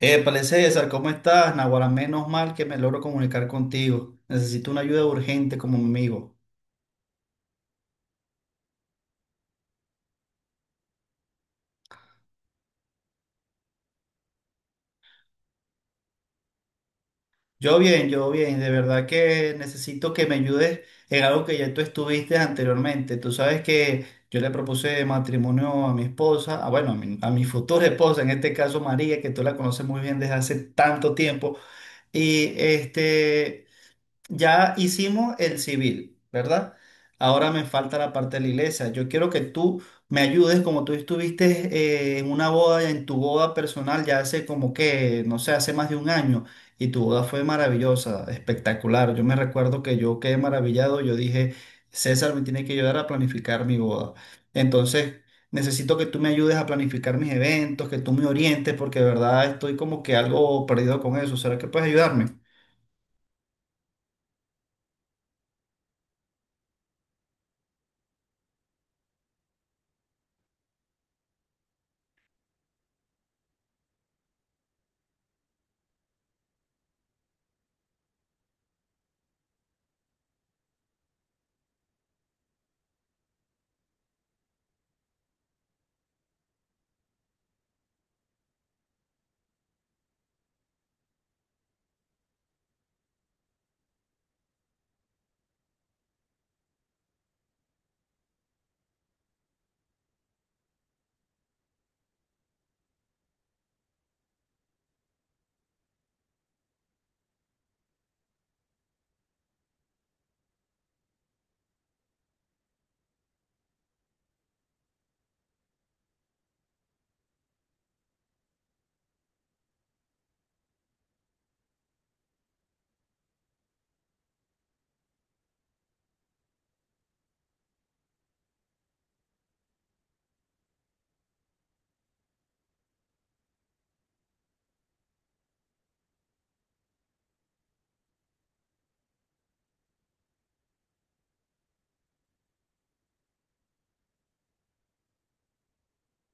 Épale, César, ¿cómo estás? Naguará, menos mal que me logro comunicar contigo. Necesito una ayuda urgente como mi amigo. Yo bien, de verdad que necesito que me ayudes en algo que ya tú estuviste anteriormente. Tú sabes que yo le propuse matrimonio a mi esposa, a, bueno, a mi futura esposa, en este caso María, que tú la conoces muy bien desde hace tanto tiempo. Y este... Ya hicimos el civil, ¿verdad? Ahora me falta la parte de la iglesia. Yo quiero que tú me ayudes, como tú estuviste en una boda, en tu boda personal, ya hace como que, no sé, hace más de un año, y tu boda fue maravillosa, espectacular. Yo me recuerdo que yo quedé maravillado, yo dije, César me tiene que ayudar a planificar mi boda. Entonces, necesito que tú me ayudes a planificar mis eventos, que tú me orientes, porque de verdad estoy como que algo perdido con eso. ¿Será que puedes ayudarme?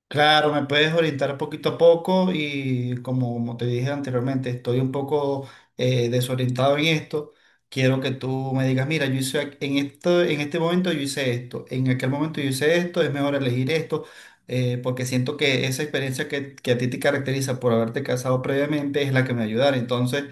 Claro, me puedes orientar poquito a poco y como, como te dije anteriormente, estoy un poco desorientado en esto. Quiero que tú me digas, mira, en esto, en este momento yo hice esto, en aquel momento yo hice esto, es mejor elegir esto, porque siento que esa experiencia que a ti te caracteriza por haberte casado previamente es la que me ayudará. Entonces,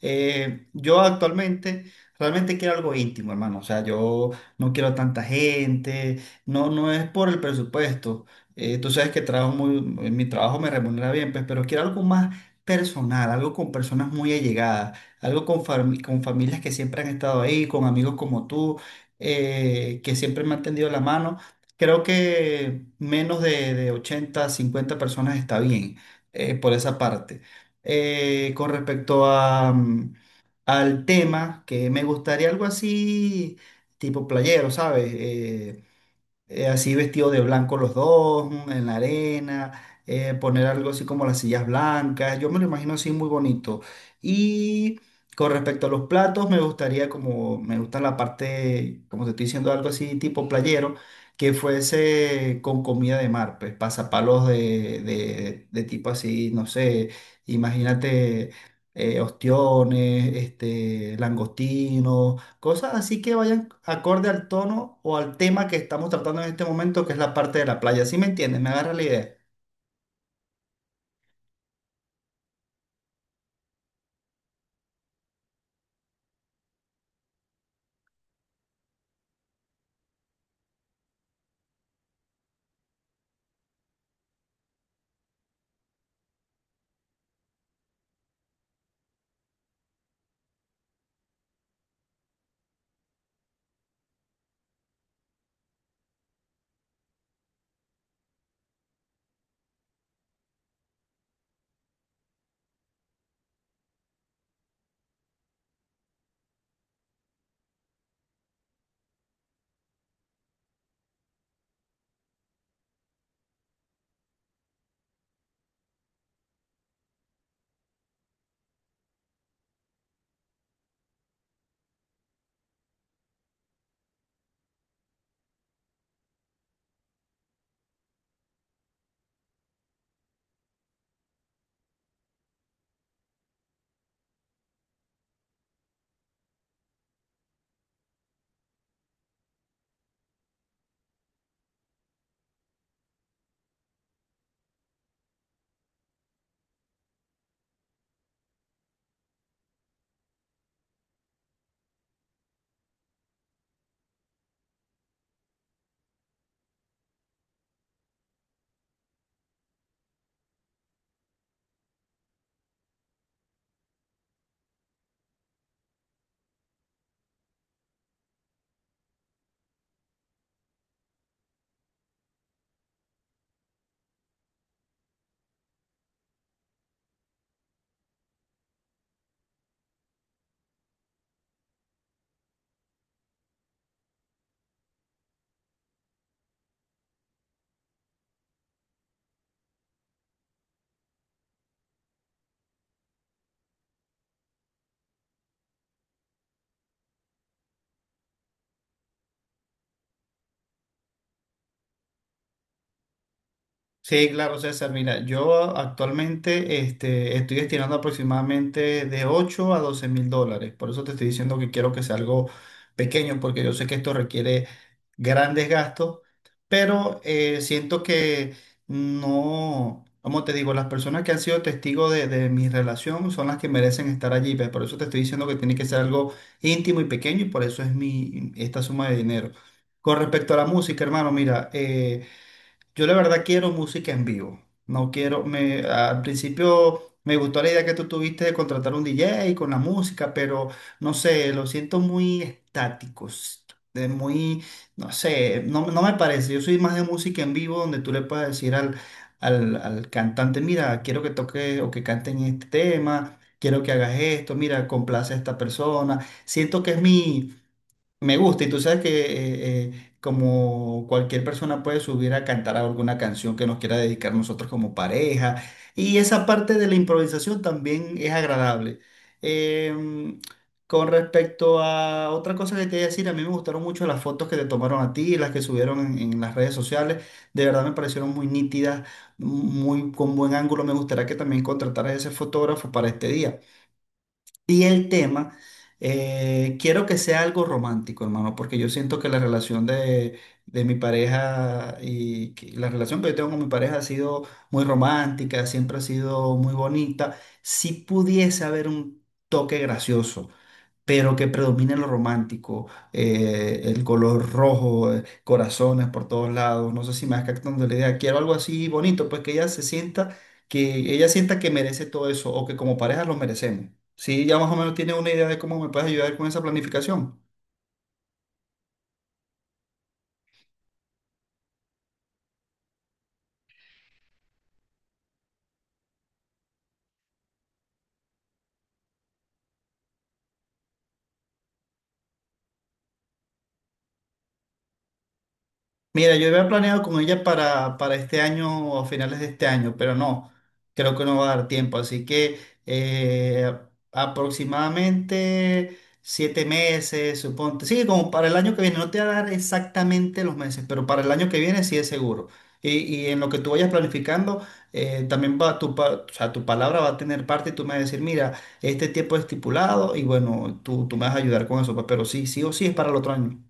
yo actualmente realmente quiero algo íntimo, hermano. O sea, yo no quiero tanta gente, no, no es por el presupuesto. Tú sabes que trabajo muy, en mi trabajo me remunera bien, pues, pero quiero algo más personal, algo con personas muy allegadas, algo con, con familias que siempre han estado ahí, con amigos como tú, que siempre me han tendido la mano. Creo que menos de 80 50 personas está bien, por esa parte. Con respecto a, al tema, que me gustaría algo así, tipo playero, ¿sabes? Así vestidos de blanco los dos, en la arena, poner algo así como las sillas blancas, yo me lo imagino así muy bonito. Y con respecto a los platos, me gustaría como, me gusta la parte, como te estoy diciendo, algo así tipo playero, que fuese con comida de mar, pues pasapalos de tipo así, no sé, imagínate. Ostiones, este, langostinos, cosas así que vayan acorde al tono o al tema que estamos tratando en este momento, que es la parte de la playa. ¿Sí me entiendes? ¿Me agarra la idea? Sí, claro, César. Mira, yo actualmente este, estoy destinando aproximadamente de $8.000 a $12.000. Por eso te estoy diciendo que quiero que sea algo pequeño, porque yo sé que esto requiere grandes gastos, pero siento que no, como te digo, las personas que han sido testigos de mi relación son las que merecen estar allí. ¿Ves? Por eso te estoy diciendo que tiene que ser algo íntimo y pequeño y por eso es mi, esta suma de dinero. Con respecto a la música, hermano, mira, yo la verdad quiero música en vivo. No quiero, me, al principio me gustó la idea que tú tuviste de contratar un DJ con la música, pero no sé, lo siento muy estáticos, de muy, no sé, no, no me parece. Yo soy más de música en vivo donde tú le puedes decir al, al cantante, mira, quiero que toque o que canten este tema, quiero que hagas esto, mira, complace a esta persona. Siento que es mi me gusta, y tú sabes que como cualquier persona puede subir a cantar alguna canción que nos quiera dedicar nosotros como pareja, y esa parte de la improvisación también es agradable. Em, con respecto a otra cosa que te voy a decir, a mí me gustaron mucho las fotos que te tomaron a ti, las que subieron en las redes sociales, de verdad me parecieron muy nítidas, muy con buen ángulo, me gustaría que también contrataras ese fotógrafo para este día. Y el tema, quiero que sea algo romántico, hermano, porque yo siento que la relación de mi pareja y que- la relación que yo tengo con mi pareja ha sido muy romántica, siempre ha sido muy bonita. Si pudiese haber un toque gracioso pero que predomine lo romántico, el color rojo, corazones por todos lados, no sé si me vas captando la idea, quiero algo así bonito, pues que ella se sienta, que ella sienta que merece todo eso o que como pareja lo merecemos. Sí, ya más o menos tiene una idea de cómo me puedes ayudar con esa planificación. Mira, yo había planeado con ella para este año o a finales de este año, pero no, creo que no va a dar tiempo. Así que eh, aproximadamente 7 meses, suponte. Sí, como para el año que viene. No te va a dar exactamente los meses, pero para el año que viene sí es seguro. Y en lo que tú vayas planificando, también va tu, o sea, tu palabra va a tener parte y tú me vas a decir, mira, este tiempo es estipulado y bueno, tú me vas a ayudar con eso, pues, pero sí, sí o sí es para el otro año.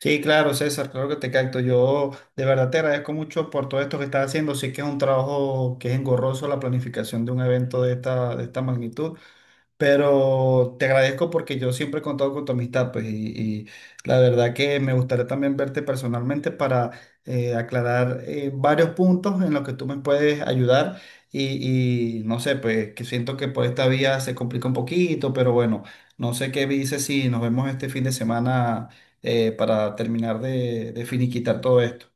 Sí, claro, César, claro que te capto. Yo de verdad te agradezco mucho por todo esto que estás haciendo. Sí que es un trabajo que es engorroso la planificación de un evento de esta magnitud, pero te agradezco porque yo siempre he contado con tu amistad, pues, y la verdad que me gustaría también verte personalmente para aclarar varios puntos en los que tú me puedes ayudar. Y no sé, pues, que siento que por esta vía se complica un poquito, pero bueno, no sé qué dices si nos vemos este fin de semana para terminar de finiquitar todo esto.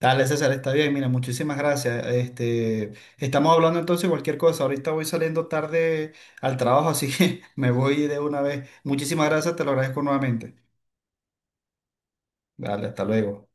Dale, César, está bien. Mira, muchísimas gracias. Este, estamos hablando entonces de cualquier cosa. Ahorita voy saliendo tarde al trabajo, así que me voy de una vez. Muchísimas gracias, te lo agradezco nuevamente. Dale, hasta luego.